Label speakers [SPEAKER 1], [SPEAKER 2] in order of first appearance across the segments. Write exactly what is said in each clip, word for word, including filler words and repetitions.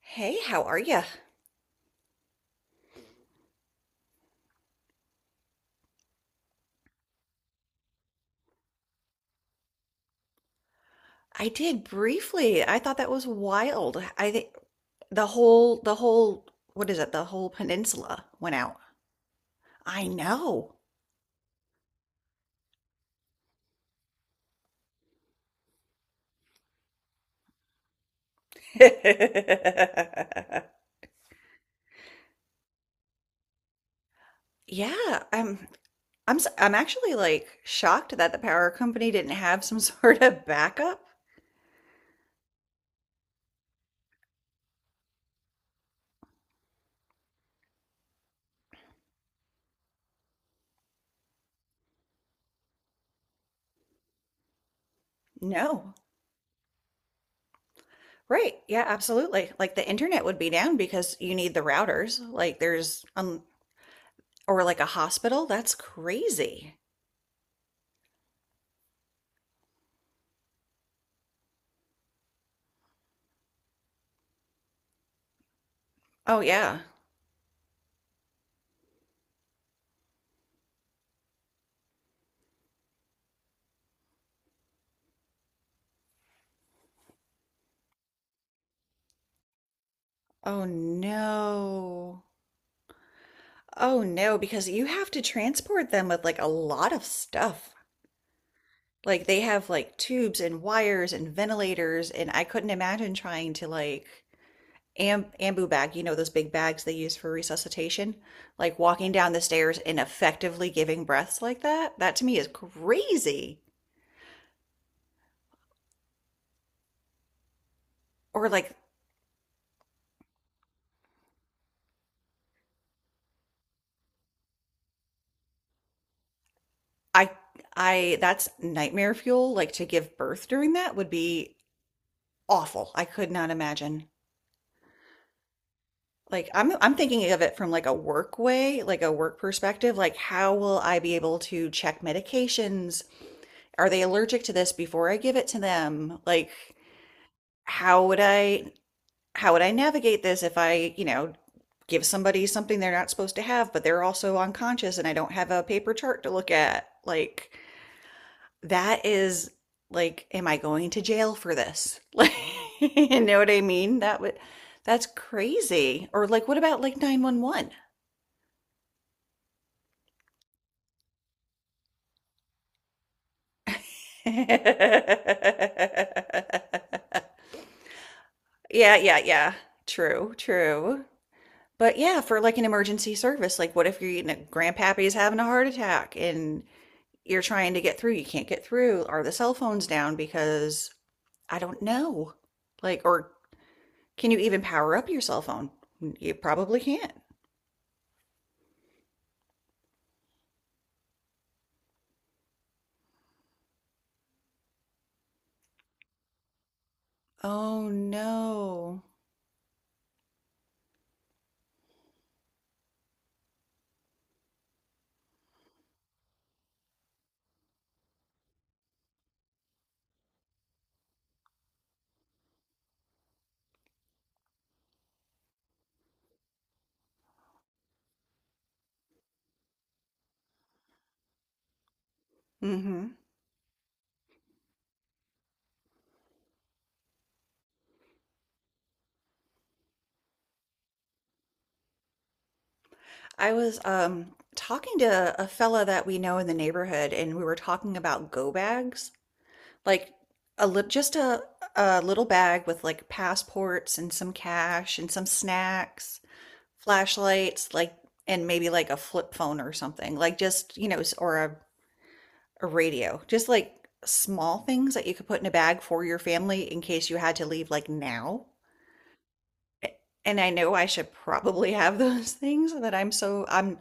[SPEAKER 1] Hey, how are you? I did briefly. I thought that was wild. I think the whole the whole what is it? The whole peninsula went out. I know. Yeah, I'm I'm s- I'm actually like shocked that the power company didn't have some sort of backup. No. Right. Yeah, absolutely. Like the internet would be down because you need the routers. Like there's um Or like a hospital. That's crazy. Oh yeah. Oh no. Oh no, because you have to transport them with like a lot of stuff. Like they have like tubes and wires and ventilators, and I couldn't imagine trying to like am ambu bag, you know, those big bags they use for resuscitation, like walking down the stairs and effectively giving breaths like that. That to me is crazy. Or like I I that's nightmare fuel, like to give birth during that would be awful. I could not imagine. Like I'm I'm thinking of it from like a work way, like a work perspective, like how will I be able to check medications? Are they allergic to this before I give it to them? Like how would I how would I navigate this if I, you know, give somebody something they're not supposed to have, but they're also unconscious and I don't have a paper chart to look at? Like that is like am I going to jail for this? Like you know what I mean? That would that's crazy. Or like what about like nine one one? Yeah, yeah, yeah. True, true. But yeah, for like an emergency service, like what if you're eating a grandpappy's having a heart attack and you're trying to get through, you can't get through. Are the cell phones down? Because I don't know. Like, or can you even power up your cell phone? You probably can't. Oh no. Mm-hmm. I was um talking to a fella that we know in the neighborhood and we were talking about go bags. Like a lit just a a little bag with like passports and some cash and some snacks, flashlights, like and maybe like a flip phone or something. Like just, you know, s- or a, a radio. Just like small things that you could put in a bag for your family in case you had to leave like now. A- And I know I should probably have those things that I'm so I'm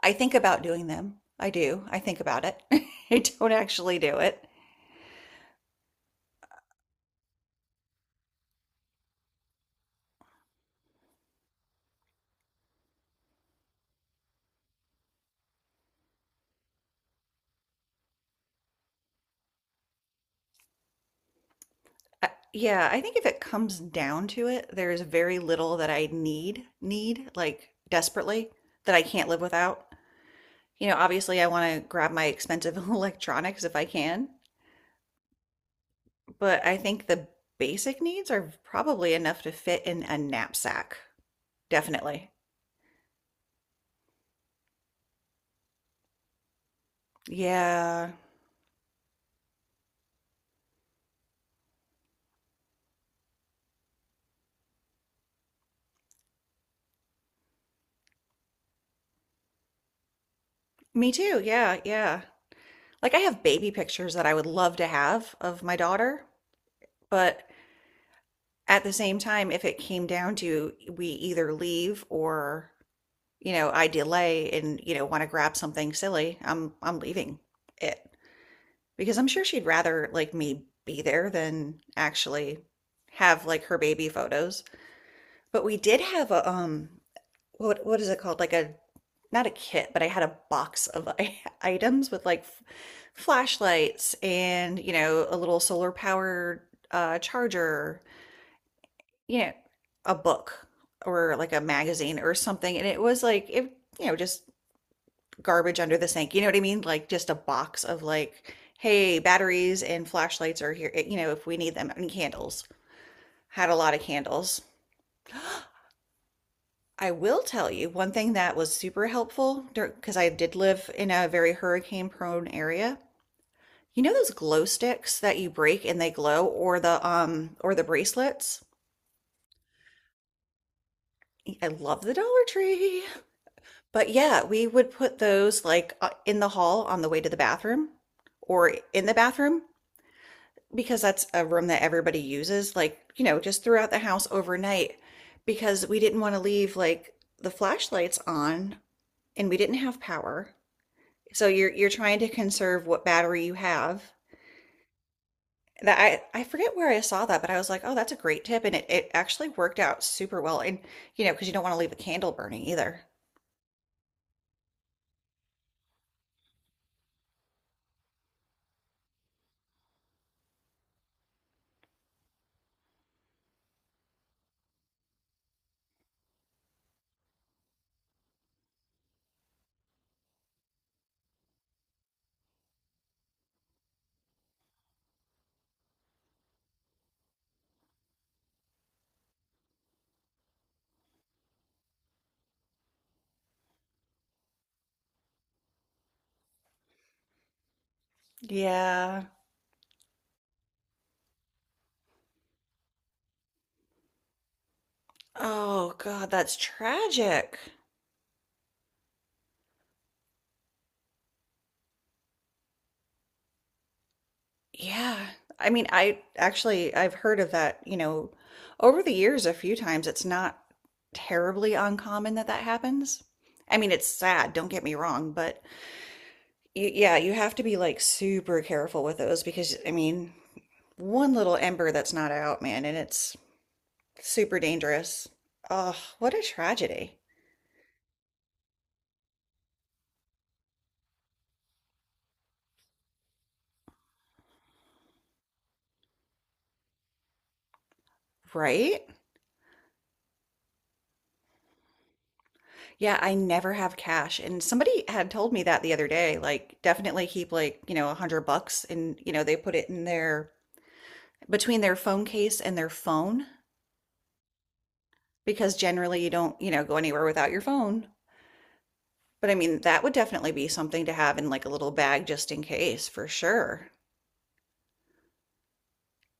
[SPEAKER 1] I think about doing them. I do. I think about it. I don't actually do it. Uh, yeah, I think if it comes down to it, there is very little that I need need, like, desperately, that I can't live without. You know, obviously, I wanna grab my expensive electronics if I can, but I think the basic needs are probably enough to fit in a knapsack. Definitely. Yeah. Me too, yeah, yeah. Like, I have baby pictures that I would love to have of my daughter, but at the same time, if it came down to we either leave or you know, I delay and, you know, wanna grab something silly, I'm I'm leaving it. Because I'm sure she'd rather, like, me be there than actually have, like, her baby photos. But we did have a, um, what what is it called? Like a not a kit, but I had a box of I items with, like, f flashlights and, you know, a little solar powered, uh, charger, you know, a book or, like, a magazine or something, and it was, like, it you know, just garbage under the sink. You know what I mean? Like just a box of like, hey, batteries and flashlights are here, eh, you know, if we need them, and candles. Had a lot of candles. I will tell you one thing that was super helpful because I did live in a very hurricane prone area. You know those glow sticks that you break and they glow or the um or the bracelets? I love the Dollar Tree. But yeah, we would put those like uh, in the hall on the way to the bathroom or in the bathroom because that's a room that everybody uses, like, you know, just throughout the house overnight because we didn't want to leave like the flashlights on and we didn't have power. So you're you're trying to conserve what battery you have. That I I forget where I saw that, but I was like, "Oh, that's a great tip." And it it actually worked out super well. And you know, because you don't want to leave a candle burning either. Yeah. Oh God, that's tragic. Yeah. I mean, I actually I've heard of that, you know, over the years a few times. It's not terribly uncommon that that happens. I mean, it's sad, don't get me wrong, but y yeah, you have to be like super careful with those because I mean, one little ember that's not out, man, and it's super dangerous. Oh, what a tragedy. Right? Yeah, I never have cash. And somebody had told me that the other day, like definitely keep like, you know, a hundred bucks and, you know, they put it in their between their phone case and their phone because generally you don't, you know, go anywhere without your phone. But I mean, that would definitely be something to have in like a little bag just in case, for sure.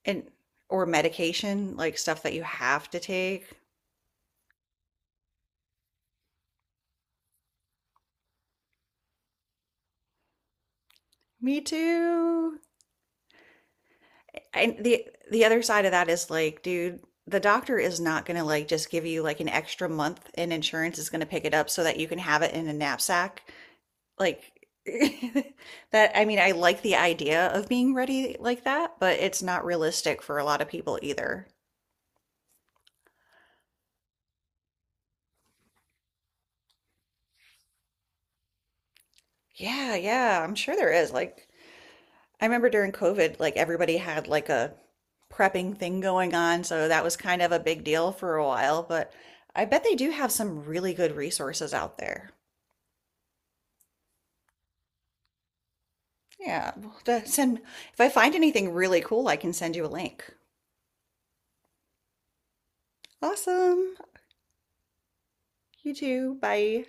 [SPEAKER 1] And or medication, like stuff that you have to take. Me too. And the the other side of that is like, dude, the doctor is not going to like just give you like an extra month and insurance is going to pick it up so that you can have it in a knapsack like that I mean, I like the idea of being ready like that, but it's not realistic for a lot of people either. Yeah, yeah, I'm sure there is. Like I remember during COVID, like everybody had like a prepping thing going on, so that was kind of a big deal for a while, but I bet they do have some really good resources out there. Yeah, we'll have to send if I find anything really cool, I can send you a link. Awesome. You too. Bye.